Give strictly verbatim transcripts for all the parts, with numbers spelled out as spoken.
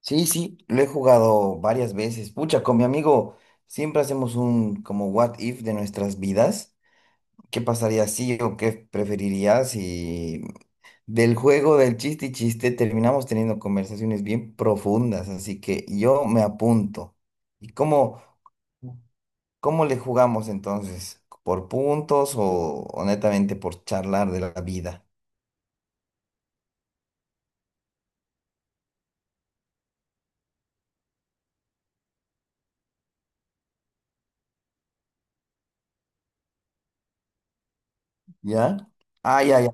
Sí, sí, lo he jugado varias veces. Pucha, con mi amigo siempre hacemos un como what if de nuestras vidas. ¿Qué pasaría si o qué preferirías si del juego del chiste y chiste terminamos teniendo conversaciones bien profundas? Así que yo me apunto. ¿Y cómo, cómo le jugamos entonces? ¿Por puntos o o netamente por charlar de la vida? ¿Ya? Ah, ya, ya.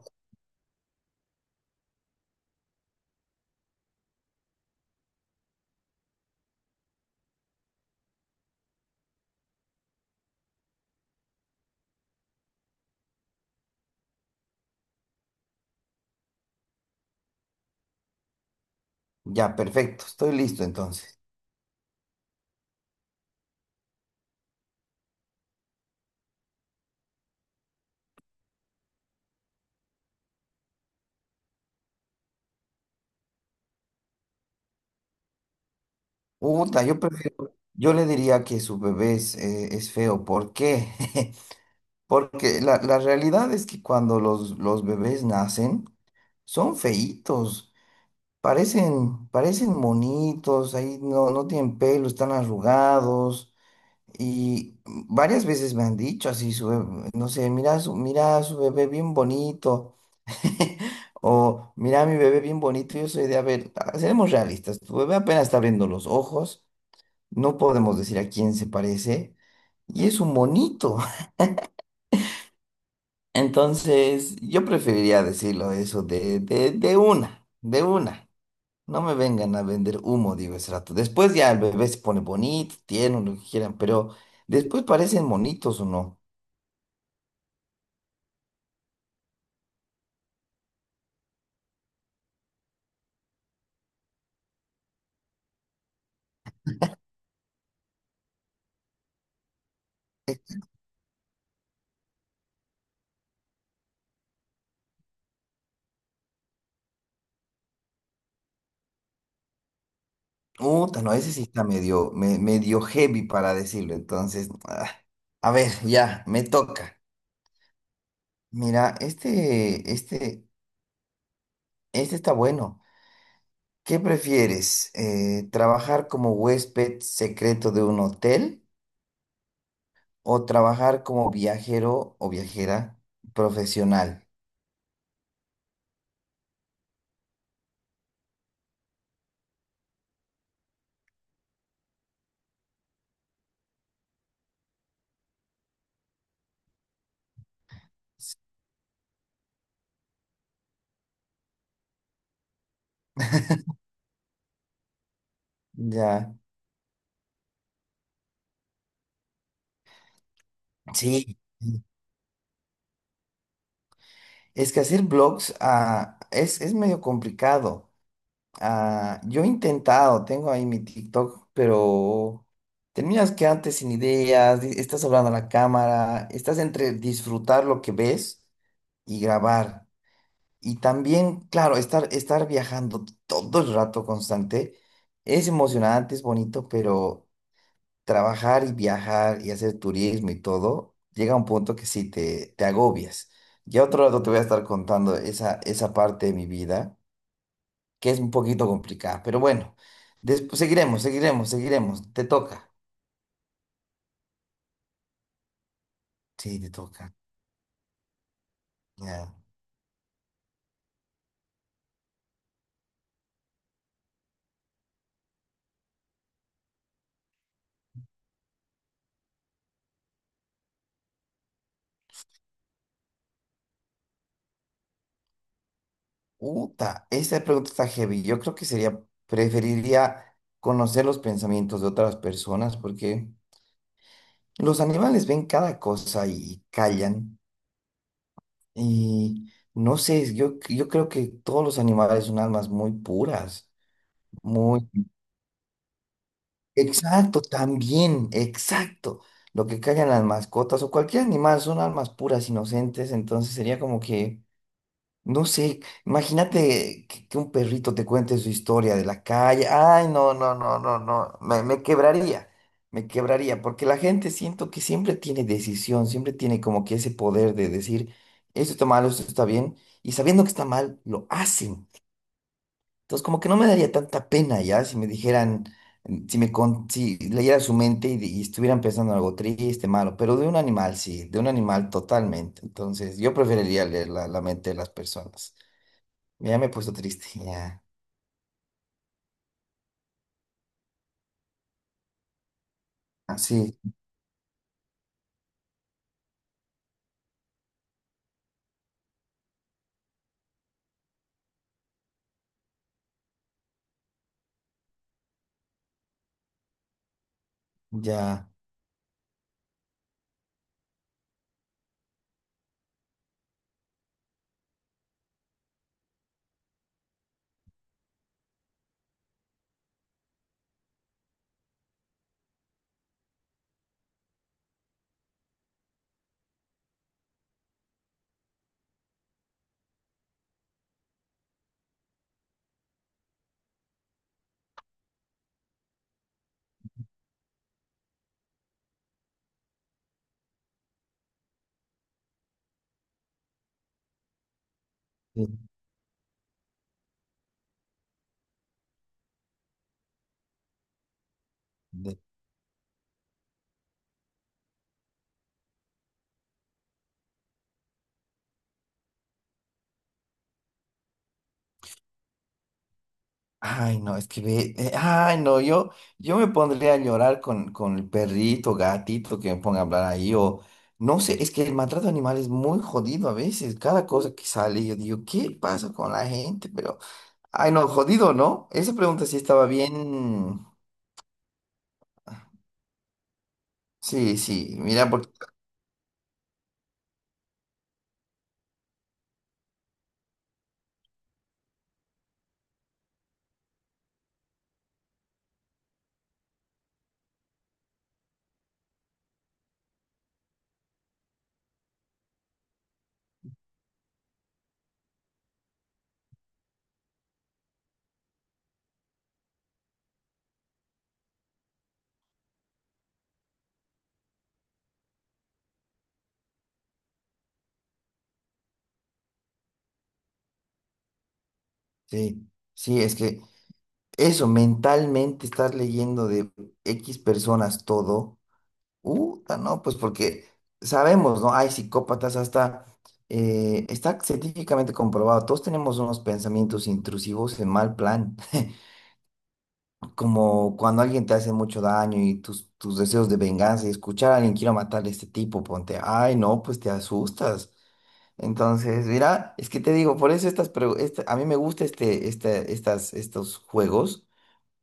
Ya, perfecto. Estoy listo entonces. Uta, yo prefiero, yo le diría que su bebé es, eh, es feo. ¿Por qué? Porque la, la realidad es que cuando los, los bebés nacen, son feitos, parecen, parecen monitos, ahí no, no tienen pelo, están arrugados. Y varias veces me han dicho así, su bebé- no sé, mira su, mira su bebé bien bonito. O mira mi bebé bien bonito. Yo soy de, a ver, seremos realistas, tu bebé apenas está abriendo los ojos, no podemos decir a quién se parece, y es un monito. Entonces, yo preferiría decirlo eso de, de, de una, de una. No me vengan a vender humo, digo ese rato. Después ya el bebé se pone bonito, tiene lo que quieran, pero después parecen monitos o no. Uta, no, ese sí está medio, me- medio heavy para decirlo. Entonces, ah, a ver, ya, me toca. Mira, este, este, este está bueno. ¿Qué prefieres? Eh, ¿trabajar como huésped secreto de un hotel o trabajar como viajero o viajera profesional? Ya, sí. Sí. Es que hacer blogs ah, es, es medio complicado. Ah, yo he intentado, tengo ahí mi TikTok, pero terminas quedándote sin ideas, di- estás hablando a la cámara, estás entre disfrutar lo que ves y grabar. Y también, claro, estar, estar viajando todo el rato constante es emocionante, es bonito, pero trabajar y viajar y hacer turismo y todo, llega a un punto que sí te, te agobias. Ya otro rato te voy a estar contando esa, esa parte de mi vida, que es un poquito complicada, pero bueno, después seguiremos, seguiremos, seguiremos. Te toca. Sí, te toca. Ya. Uta, esta pregunta está heavy. Yo creo que sería, preferiría conocer los pensamientos de otras personas porque… Los animales ven cada cosa y callan. Y no sé, yo, yo creo que todos los animales son almas muy puras, muy… Exacto, también, exacto. Lo que callan las mascotas o cualquier animal son almas puras, inocentes, entonces sería como que… No sé, imagínate que, que un perrito te cuente su historia de la calle. Ay, no, no, no, no, no. Me, me quebraría, me quebraría, porque la gente siento que siempre tiene decisión, siempre tiene como que ese poder de decir, esto está mal, esto está bien, y sabiendo que está mal, lo hacen. Entonces, como que no me daría tanta pena ya si me dijeran, si me con- si leyera su mente y, y estuvieran pensando en algo triste, malo, pero de un animal, sí, de un animal totalmente. Entonces, yo preferiría leer la la mente de las personas. Ya me he puesto triste, ya. Así, ya. de- de- Ay, no, es que ve. Eh, ay, no, yo, yo me pondría a llorar con, con el perrito, gatito que me ponga a hablar ahí. O no sé, es que el maltrato animal es muy jodido a veces. Cada cosa que sale, yo digo, ¿qué pasa con la gente? Pero, ay, no, jodido, ¿no? Esa pregunta sí estaba bien. Sí, sí, mira, porque. Sí, sí, es que eso, mentalmente estar leyendo de X personas todo. Uta, no, pues porque sabemos, ¿no? Hay psicópatas hasta, eh, está científicamente comprobado, todos tenemos unos pensamientos intrusivos en mal plan, como cuando alguien te hace mucho daño y tus, tus deseos de venganza y escuchar a alguien quiero matar a este tipo, ponte, ay, no, pues te asustas. Entonces, mira, es que te digo, por eso estas, pregu- esta- a mí me gusta este, este, estas, estos juegos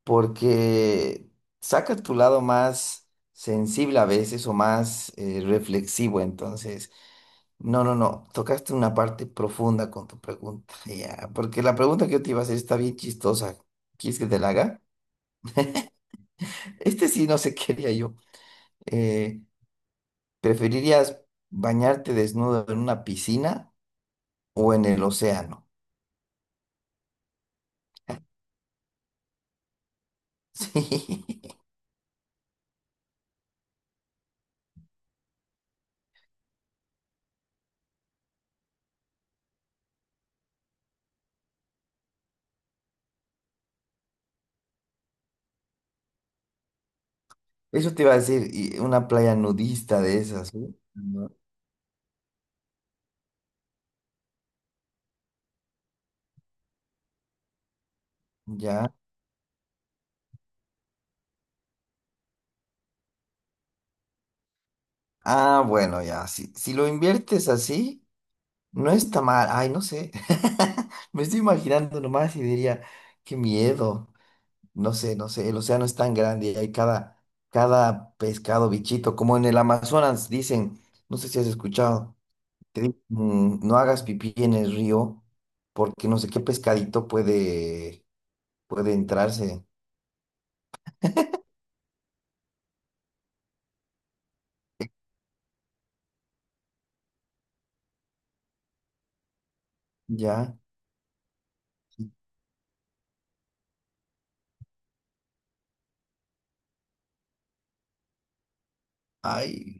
porque sacas tu lado más sensible a veces o más eh, reflexivo. Entonces, no, no, no, tocaste una parte profunda con tu pregunta. Ya, porque la pregunta que yo te iba a hacer está bien chistosa. ¿Quieres que te la haga? Este sí, no sé qué haría yo. Eh, ¿preferirías bañarte desnudo en una piscina o en el océano? Sí, eso te iba a decir, y una playa nudista de esas, ¿sí? ¿No? Ya. Ah, bueno, ya, si, si lo inviertes así, no está mal. Ay, no sé. Me estoy imaginando nomás y diría, qué miedo. No sé, no sé, el océano es tan grande y hay cada, cada pescado, bichito, como en el Amazonas dicen, no sé si has escuchado, te dicen, "Mm, no hagas pipí en el río porque no sé qué pescadito puede, puede entrarse, ¿ya? Ay.